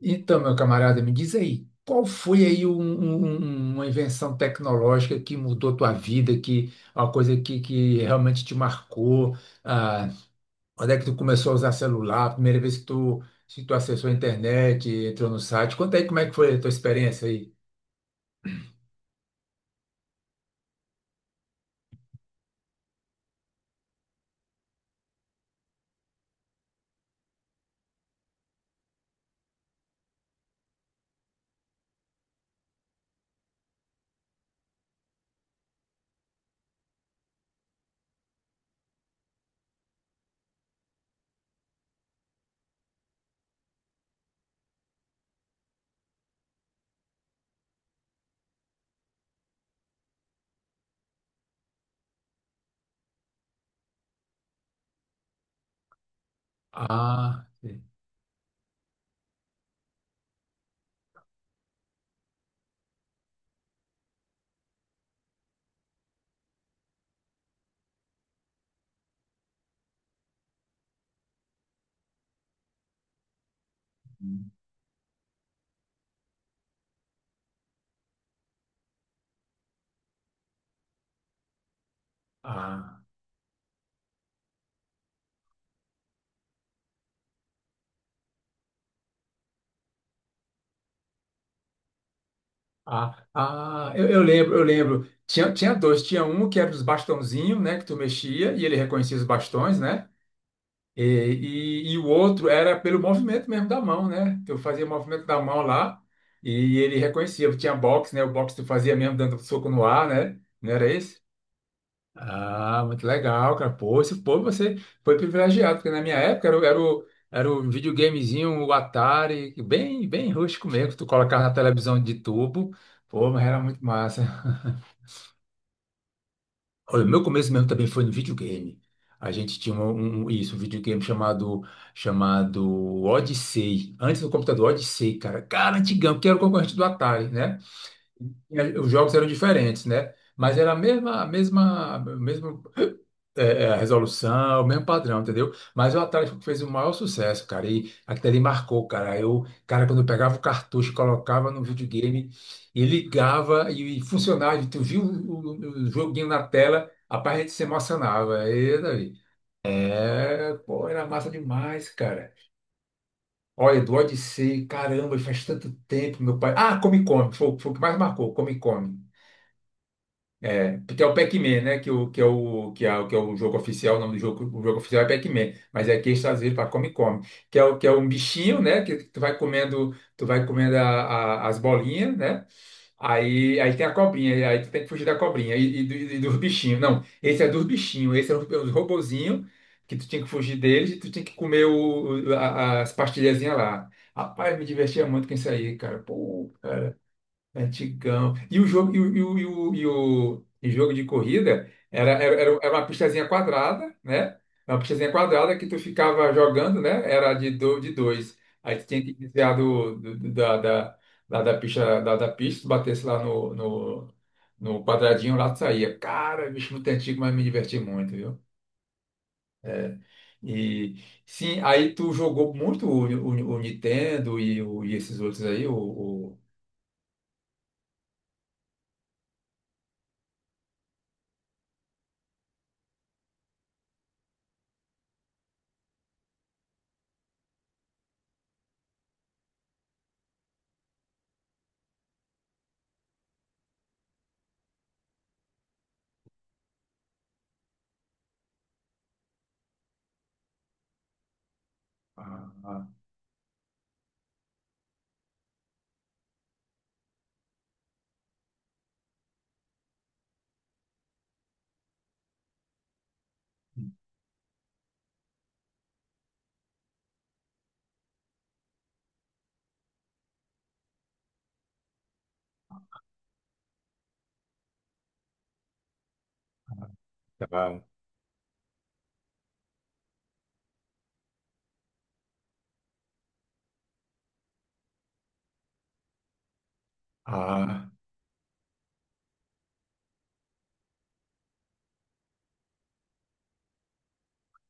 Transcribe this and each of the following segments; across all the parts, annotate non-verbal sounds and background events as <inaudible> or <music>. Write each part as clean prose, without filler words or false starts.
Então, meu camarada, me diz aí, qual foi aí uma invenção tecnológica que mudou tua vida, que uma coisa que realmente te marcou? Ah, quando é que tu começou a usar celular? A primeira vez que tu acessou a internet, entrou no site? Conta aí como é que foi a tua experiência aí. Ah, sim. ah, eu lembro, eu lembro. Tinha dois, tinha um que era dos bastãozinhos, né, que tu mexia e ele reconhecia os bastões, né? E, e o outro era pelo movimento mesmo da mão, né? Eu fazia movimento da mão lá e ele reconhecia. Eu tinha boxe, né? O boxe tu fazia mesmo dando soco no ar, né? Não era esse? Ah, muito legal, cara. Pô, pô, você foi privilegiado, porque na minha época era, era o videogamezinho, o Atari, bem rústico mesmo, que tu colocava na televisão de tubo. Pô, mas era muito massa. Olha, o meu começo mesmo também foi no videogame. A gente tinha um videogame chamado Odyssey. Antes do computador, Odyssey, cara. Cara, antigão, que era o concorrente do Atari, né? Os jogos eram diferentes, né? Mas era a mesma resolução, o mesmo padrão, entendeu? Mas o Atari fez o maior sucesso, cara. E aquilo ali marcou, cara. Eu, cara, quando eu pegava o cartucho, colocava no videogame e ligava e funcionava. E tu viu o joguinho na tela, rapaz, a gente se emocionava. E daí? É, pô, era massa demais, cara. Olha, do Odyssey, caramba, faz tanto tempo, meu pai. Ah, Come Come, foi o que mais marcou, Come Come. É, porque é o Pac-Man, né? Que, o, que, é o, que, é, o- que é o jogo oficial, o nome do jogo, o jogo oficial é Pac-Man, mas é aqui eles traduziram para Come-Come, que é um bichinho, né? Que tu vai comendo as bolinhas, né? Aí tem a cobrinha, e aí tu tem que fugir da cobrinha e dos bichinhos. Não, esse é dos bichinhos, esse é os robozinhos que tu tinha que fugir deles e tu tinha que comer as pastilhazinhas lá. Rapaz, me divertia muito com isso aí, cara. Pô, antigão. E o jogo, e o, e o, e o, e o- e jogo de corrida era era uma pistazinha quadrada, né? Uma pistazinha quadrada que tu ficava jogando, né? Era de dois. Aí tu tinha que desviar do, do- do- da, da, da, da pista, tu batesse lá no quadradinho, lá tu saía. Cara, bicho muito antigo, mas me diverti muito, viu? É. E sim, aí tu jogou muito o Nintendo e, e esses outros aí, a- a- tá. Ah,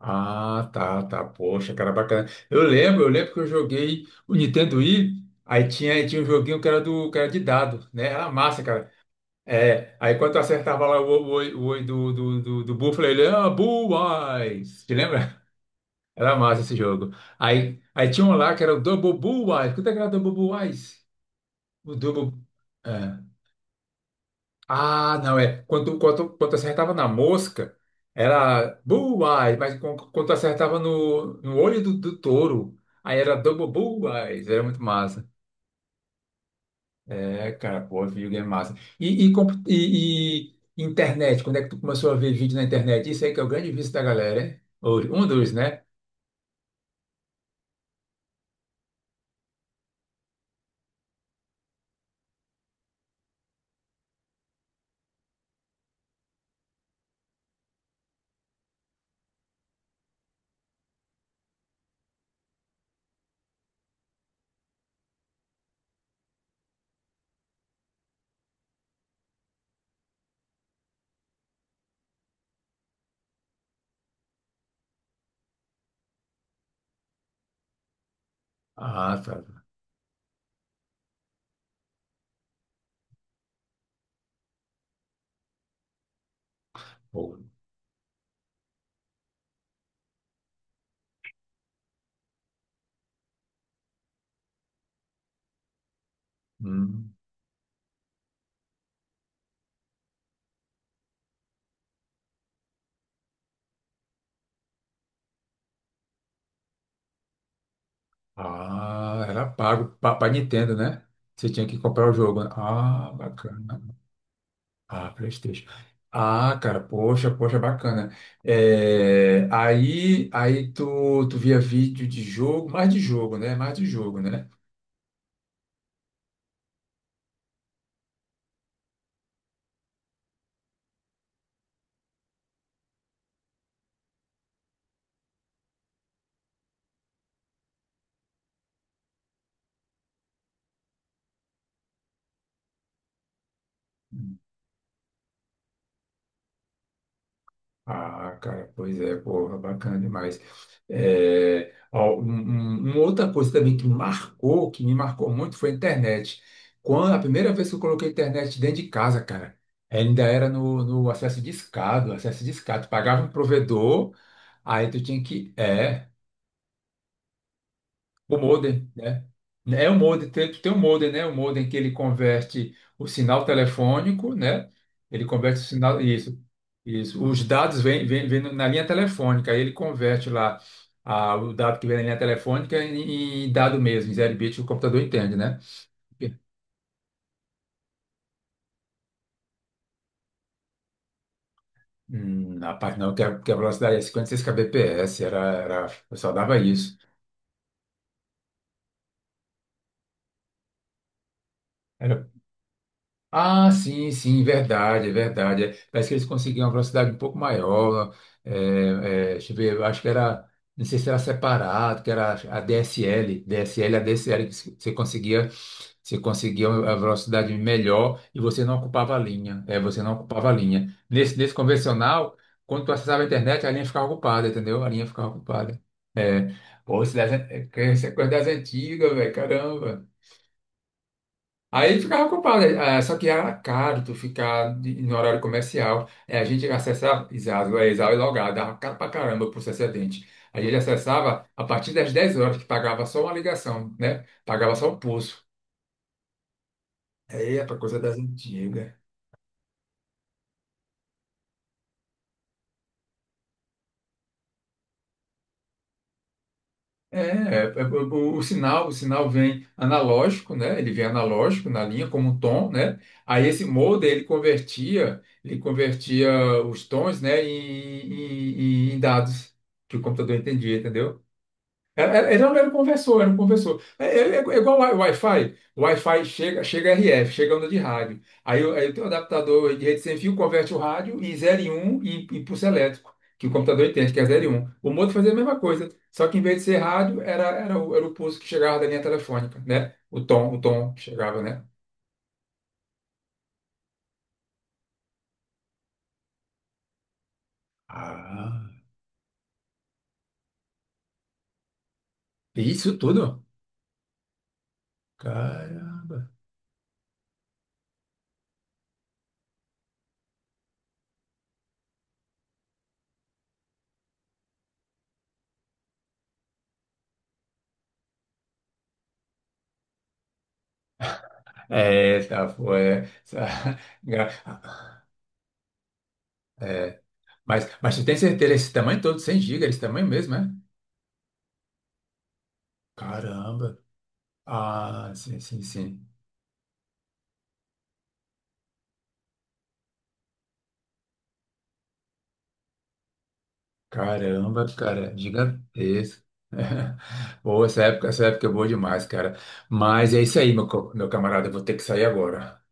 tá, tá. Poxa, cara, bacana. Eu lembro que eu joguei o Nintendo Wii, aí tinha um joguinho que era do, que era de dado, né? Era massa, cara. É, aí quando tu acertava lá o olho do Buffalo, ele, ah, bullseye! Te lembra? Era massa esse jogo. Aí tinha um lá que era o Double Bullseye. Quanto é que era o Double Bullseye? O Double. É. Ah, não, é. Quando acertava na mosca, era bullseye, quando acertava no olho do touro, aí era Double Bullseye, era muito massa. É, cara, pô, videogame massa. E, e, compu- e, e internet, quando é que tu começou a ver vídeo na internet? Isso aí que é o grande vício da galera, hein? Um dos, né? Ah, tá. Pô, hum. Ah, era pago para Nintendo, né? Você tinha que comprar o jogo, né? Ah, bacana. Ah, PlayStation. Ah, cara, poxa, poxa, bacana. É, aí tu via vídeo de jogo, mais de jogo, né? Mais de jogo, né? Ah, cara, pois é, porra, bacana demais. É, ó, uma outra coisa também que marcou, que me marcou muito, foi a internet. Quando a primeira vez que eu coloquei a internet dentro de casa, cara, ainda era no acesso discado, acesso discado. Tu pagava um provedor, aí tu tinha que. É. O modem, né? É o modem, tem o modem, né? O modem que ele converte o sinal telefônico, né? Ele converte o sinal, isso. Os dados vêm na linha telefônica, aí ele converte lá o dado que vem na linha telefônica em dado mesmo, em 0 bit, o computador entende, né? Rapaz, não, que a velocidade é 56 kbps, eu só dava isso. Ah, verdade. É, parece que eles conseguiam uma velocidade um pouco maior. É, deixa eu ver, eu acho que era, não sei se era separado, que era a DSL, a DSL, que você conseguia, você conseguia a velocidade melhor e você não ocupava a linha. É, você não ocupava a linha. Nesse convencional, quando tu acessava a internet, a linha ficava ocupada, entendeu? A linha ficava ocupada. É, pô, isso é coisa das antigas, velho, caramba. Aí ele ficava culpado, né? Ah, só que era caro tu ficar no horário comercial. É, a gente acessava, exato, é, exato, e logado, dava caro pra caramba o processo atendente. A gente acessava a partir das 10 horas, que pagava só uma ligação, né? Pagava só o pulso. É, é pra coisa das antigas. É, é, é, o, o sinal vem analógico, né? Ele vem analógico na linha como um tom, né? Aí esse modem ele convertia os tons, né, em, em dados que o computador entendia, entendeu? Era- era- Ele não era um conversor, era um conversor. É igual o Wi-Fi. O Wi-Fi chega, chega RF, chega onda de rádio. Aí eu tenho um adaptador de rede sem fio, converte o rádio em zero e um e pulso elétrico, que o computador entende que é zero e um. O Moto fazia a mesma coisa, só que em vez de ser rádio, era o pulso que chegava da linha telefônica, né? O tom que chegava, né? Ah, isso tudo? Caramba. É, tá, foi. É, essa- <laughs> É. Mas tu tem certeza, esse tamanho todo, 100 gigas, esse tamanho mesmo, é? Caramba. Ah, sim. Caramba, cara, gigantesco. <laughs> Boa, essa época é boa demais, cara. Mas é isso aí, meu, meu camarada, eu vou ter que sair agora.